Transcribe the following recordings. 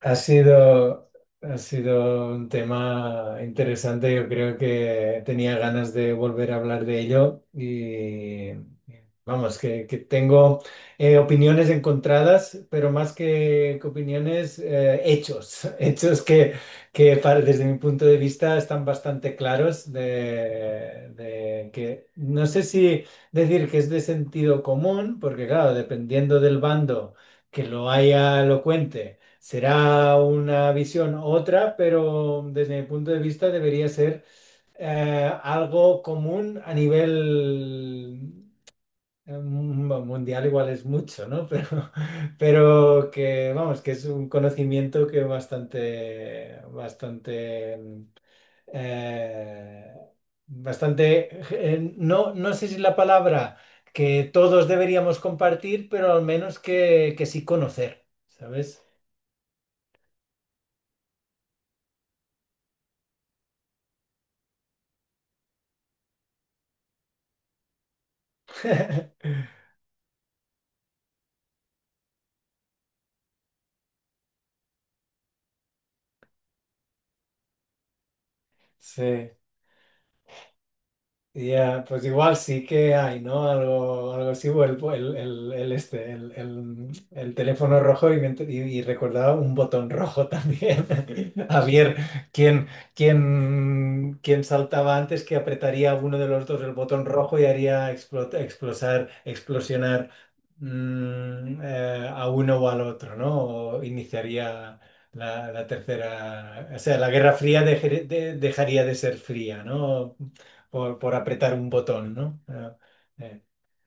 Ha sido, ha sido un tema interesante. Yo creo que tenía ganas de volver a hablar de ello y vamos, que tengo opiniones encontradas, pero más que opiniones, hechos, hechos que desde mi punto de vista están bastante claros de que no sé si decir que es de sentido común, porque claro, dependiendo del bando que lo haya elocuente, será una visión otra, pero desde mi punto de vista debería ser algo común a nivel mundial, igual es mucho, ¿no? Pero vamos, que es un conocimiento que eh, bastante, no, no sé si la palabra que todos deberíamos compartir, pero al menos que sí conocer, ¿sabes? Sí, ya, pues igual sí que hay, ¿no? Algo, algo así, o el este, el teléfono rojo y, y recordaba un botón rojo también. A ver, ¿quién, quién saltaba antes, que apretaría uno de los dos el botón rojo y haría explosionar, a uno o al otro, ¿no? O iniciaría la tercera, o sea, la Guerra Fría dejaría de ser fría, ¿no? Por por, apretar un botón, ¿no? Eh.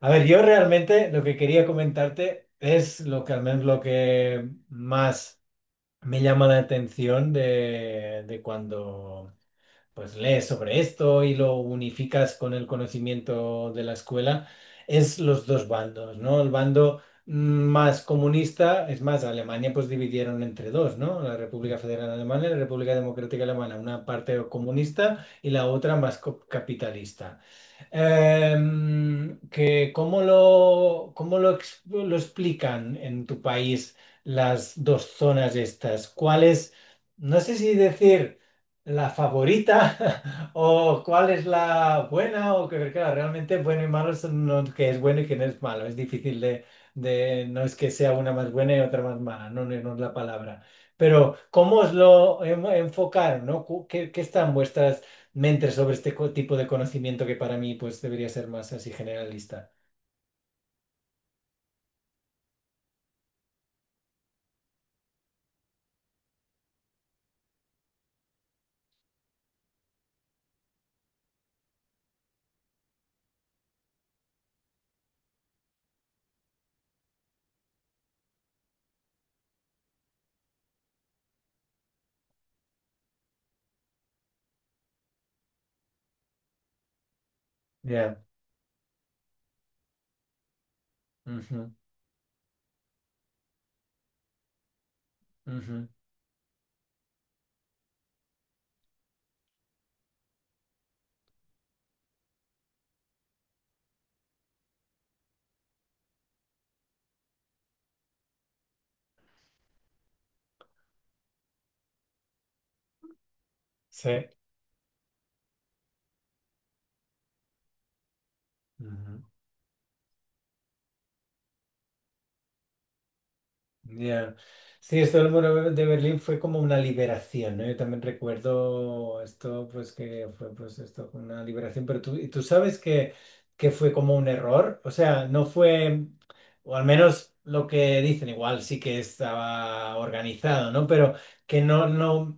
A ver, yo realmente lo que quería comentarte es lo que, al menos, lo que más me llama la atención de cuando pues lees sobre esto y lo unificas con el conocimiento de la escuela, es los dos bandos, ¿no? El bando más comunista. Es más, Alemania pues dividieron entre dos, ¿no? La República Federal Alemana y la República Democrática Alemana, una parte comunista y la otra más capitalista. Que lo explican en tu país las dos zonas estas. ¿Cuál es, no sé si decir, la favorita o cuál es la buena? O que claro, realmente bueno y malo son no, que es bueno y que no es malo. Es difícil de no es que sea una más buena y otra más mala, no, no, no es la palabra. Pero ¿cómo os lo enfocaron, no? ¿ qué están vuestras, me entre, sobre este tipo de conocimiento que para mí pues debería ser más así generalista. Ya. Ujú, ujú. Sí. Ujú. Ya. Sí, esto del muro de Berlín fue como una liberación, ¿no? Yo también recuerdo esto, pues que fue pues esto, una liberación, pero tú, y tú sabes que fue como un error. O sea, no fue, o al menos lo que dicen, igual sí que estaba organizado, ¿no? Pero que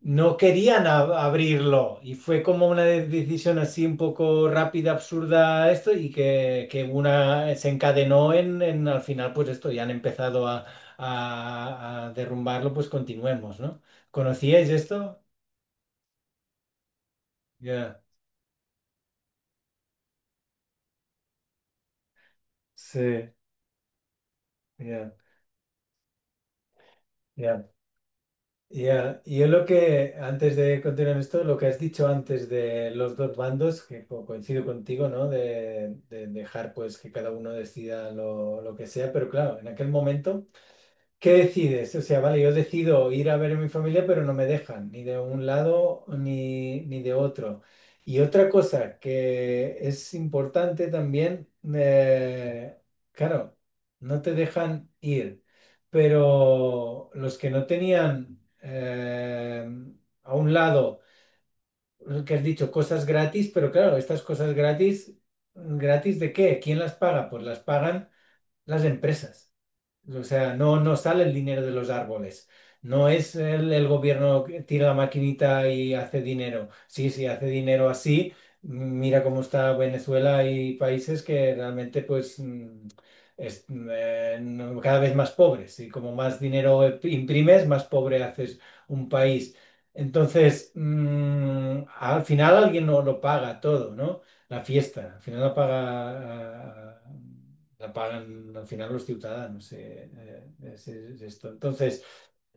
no querían abrirlo, y fue como una decisión así un poco rápida, absurda, esto, y que una se encadenó en, al final, pues esto, ya han empezado a derrumbarlo, pues continuemos, ¿no? ¿Conocíais esto? Ya, sí, ya, ya, ya. Y yo lo que, antes de continuar esto, lo que has dicho antes de los dos bandos, que coincido contigo, ¿no? De dejar pues que cada uno decida lo que sea, pero claro, en aquel momento… ¿Qué decides? O sea, vale, yo decido ir a ver a mi familia, pero no me dejan, ni de un lado ni de otro. Y otra cosa que es importante también, eh, claro, no te dejan ir, pero los que no tenían a un lado, lo que has dicho, cosas gratis. Pero claro, estas cosas gratis, ¿gratis de qué? ¿Quién las paga? Pues las pagan las empresas. O sea, no, no sale el dinero de los árboles. No es el gobierno que tira la maquinita y hace dinero. Sí, sí, hace dinero así. Mira cómo está Venezuela y países que realmente, pues, mm, es, mm, no- cada vez más pobres. Y como más dinero imprimes, más pobre haces un país. Entonces, al final alguien no lo paga todo, ¿no? La fiesta, al final la paga, la pagan al final los ciudadanos. Es esto. Entonces,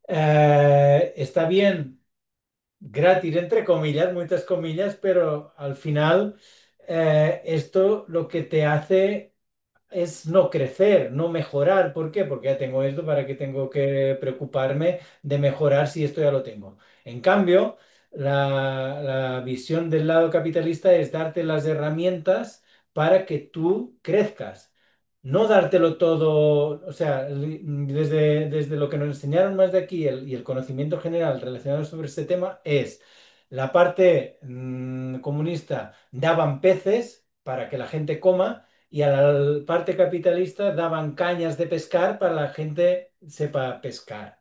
está bien, gratis, entre comillas, muchas comillas, pero al final esto lo que te hace es no crecer, no mejorar. ¿Por qué? Porque ya tengo esto. ¿Para qué tengo que preocuparme de mejorar si esto ya lo tengo? En cambio, la visión del lado capitalista es darte las herramientas para que tú crezcas. No dártelo todo. O sea, desde, desde lo que nos enseñaron más de aquí, el conocimiento general relacionado sobre este tema es la parte comunista daban peces para que la gente coma, y a la parte capitalista daban cañas de pescar para que la gente sepa pescar,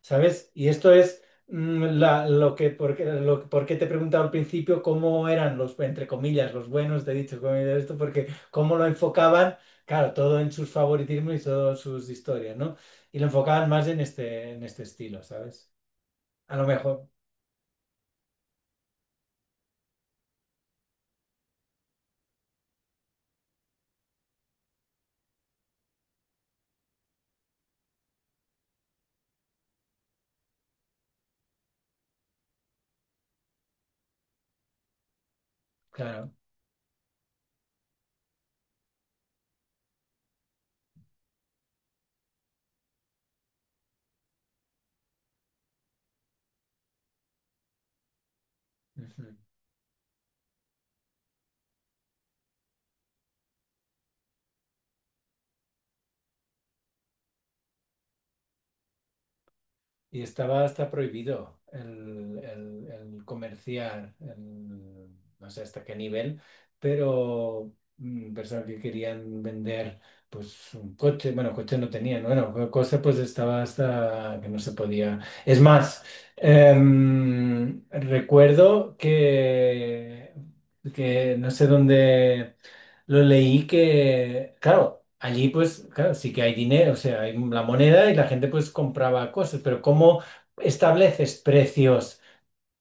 ¿sabes? Y esto es lo que, porque, lo, por qué te he preguntado al principio cómo eran los, entre comillas, los buenos, te he dicho, comillas, esto, porque cómo lo enfocaban, claro, todo en sus favoritismos y todas sus historias, ¿no? Y lo enfocaban más en en este estilo, ¿sabes? A lo mejor, claro. Ujú. Y estaba hasta prohibido el comerciar, no sé hasta qué nivel, pero personas que querían vender pues un coche, bueno, coche no tenían, bueno, cosa pues estaba, hasta que no se podía. Es más, recuerdo que no sé dónde lo leí, que, claro, allí pues, claro, sí que hay dinero, o sea, hay la moneda y la gente pues compraba cosas, pero ¿cómo estableces precios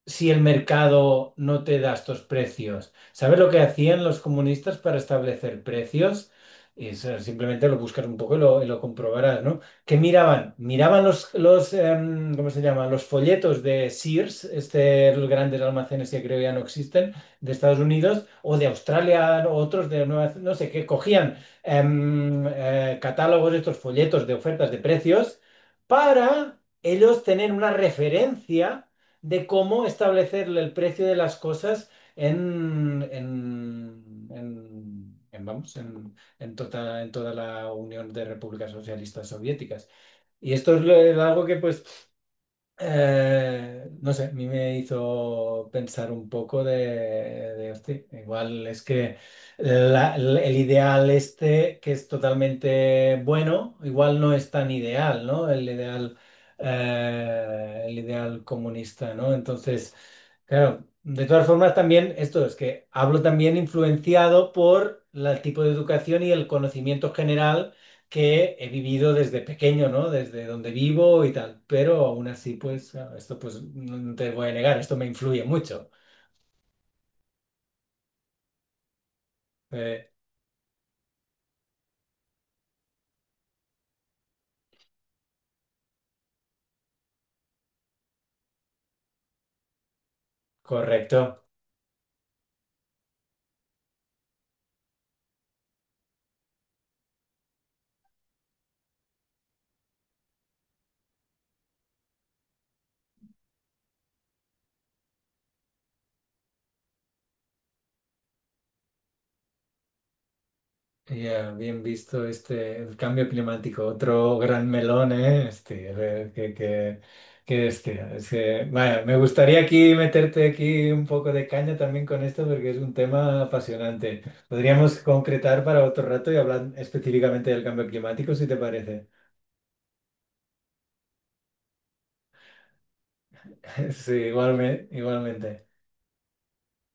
si el mercado no te da estos precios? ¿Sabes lo que hacían los comunistas para establecer precios? Eso simplemente lo buscas un poco y y lo comprobarás, ¿no? ¿Qué miraban? Miraban ¿cómo se llama? Los folletos de Sears, este, los grandes almacenes que creo que ya no existen, de Estados Unidos, o de Australia, o otros de Nueva Zelanda, no sé qué. Cogían catálogos, estos folletos de ofertas de precios, para ellos tener una referencia de cómo establecerle el precio de las cosas en, vamos, en toda la Unión de Repúblicas Socialistas Soviéticas. Y esto es algo que pues no sé, a mí me hizo pensar un poco de, "Hosti, igual es que la- el ideal este, que es totalmente bueno, igual no es tan ideal, ¿no? El ideal comunista, ¿no? Entonces… Claro, de todas formas, también esto es que hablo también influenciado por el tipo de educación y el conocimiento general que he vivido desde pequeño, ¿no? Desde donde vivo y tal. Pero aún así, pues, claro, esto pues no, no te voy a negar, esto me influye mucho. Eh, Correcto. Ya, bien visto este, el cambio climático, otro gran melón, ¿eh? Este, a ver, es que, vaya, me gustaría aquí meterte aquí un poco de caña también con esto porque es un tema apasionante. Podríamos concretar para otro rato y hablar específicamente del cambio climático, si te parece. Sí, igualmente, igualmente.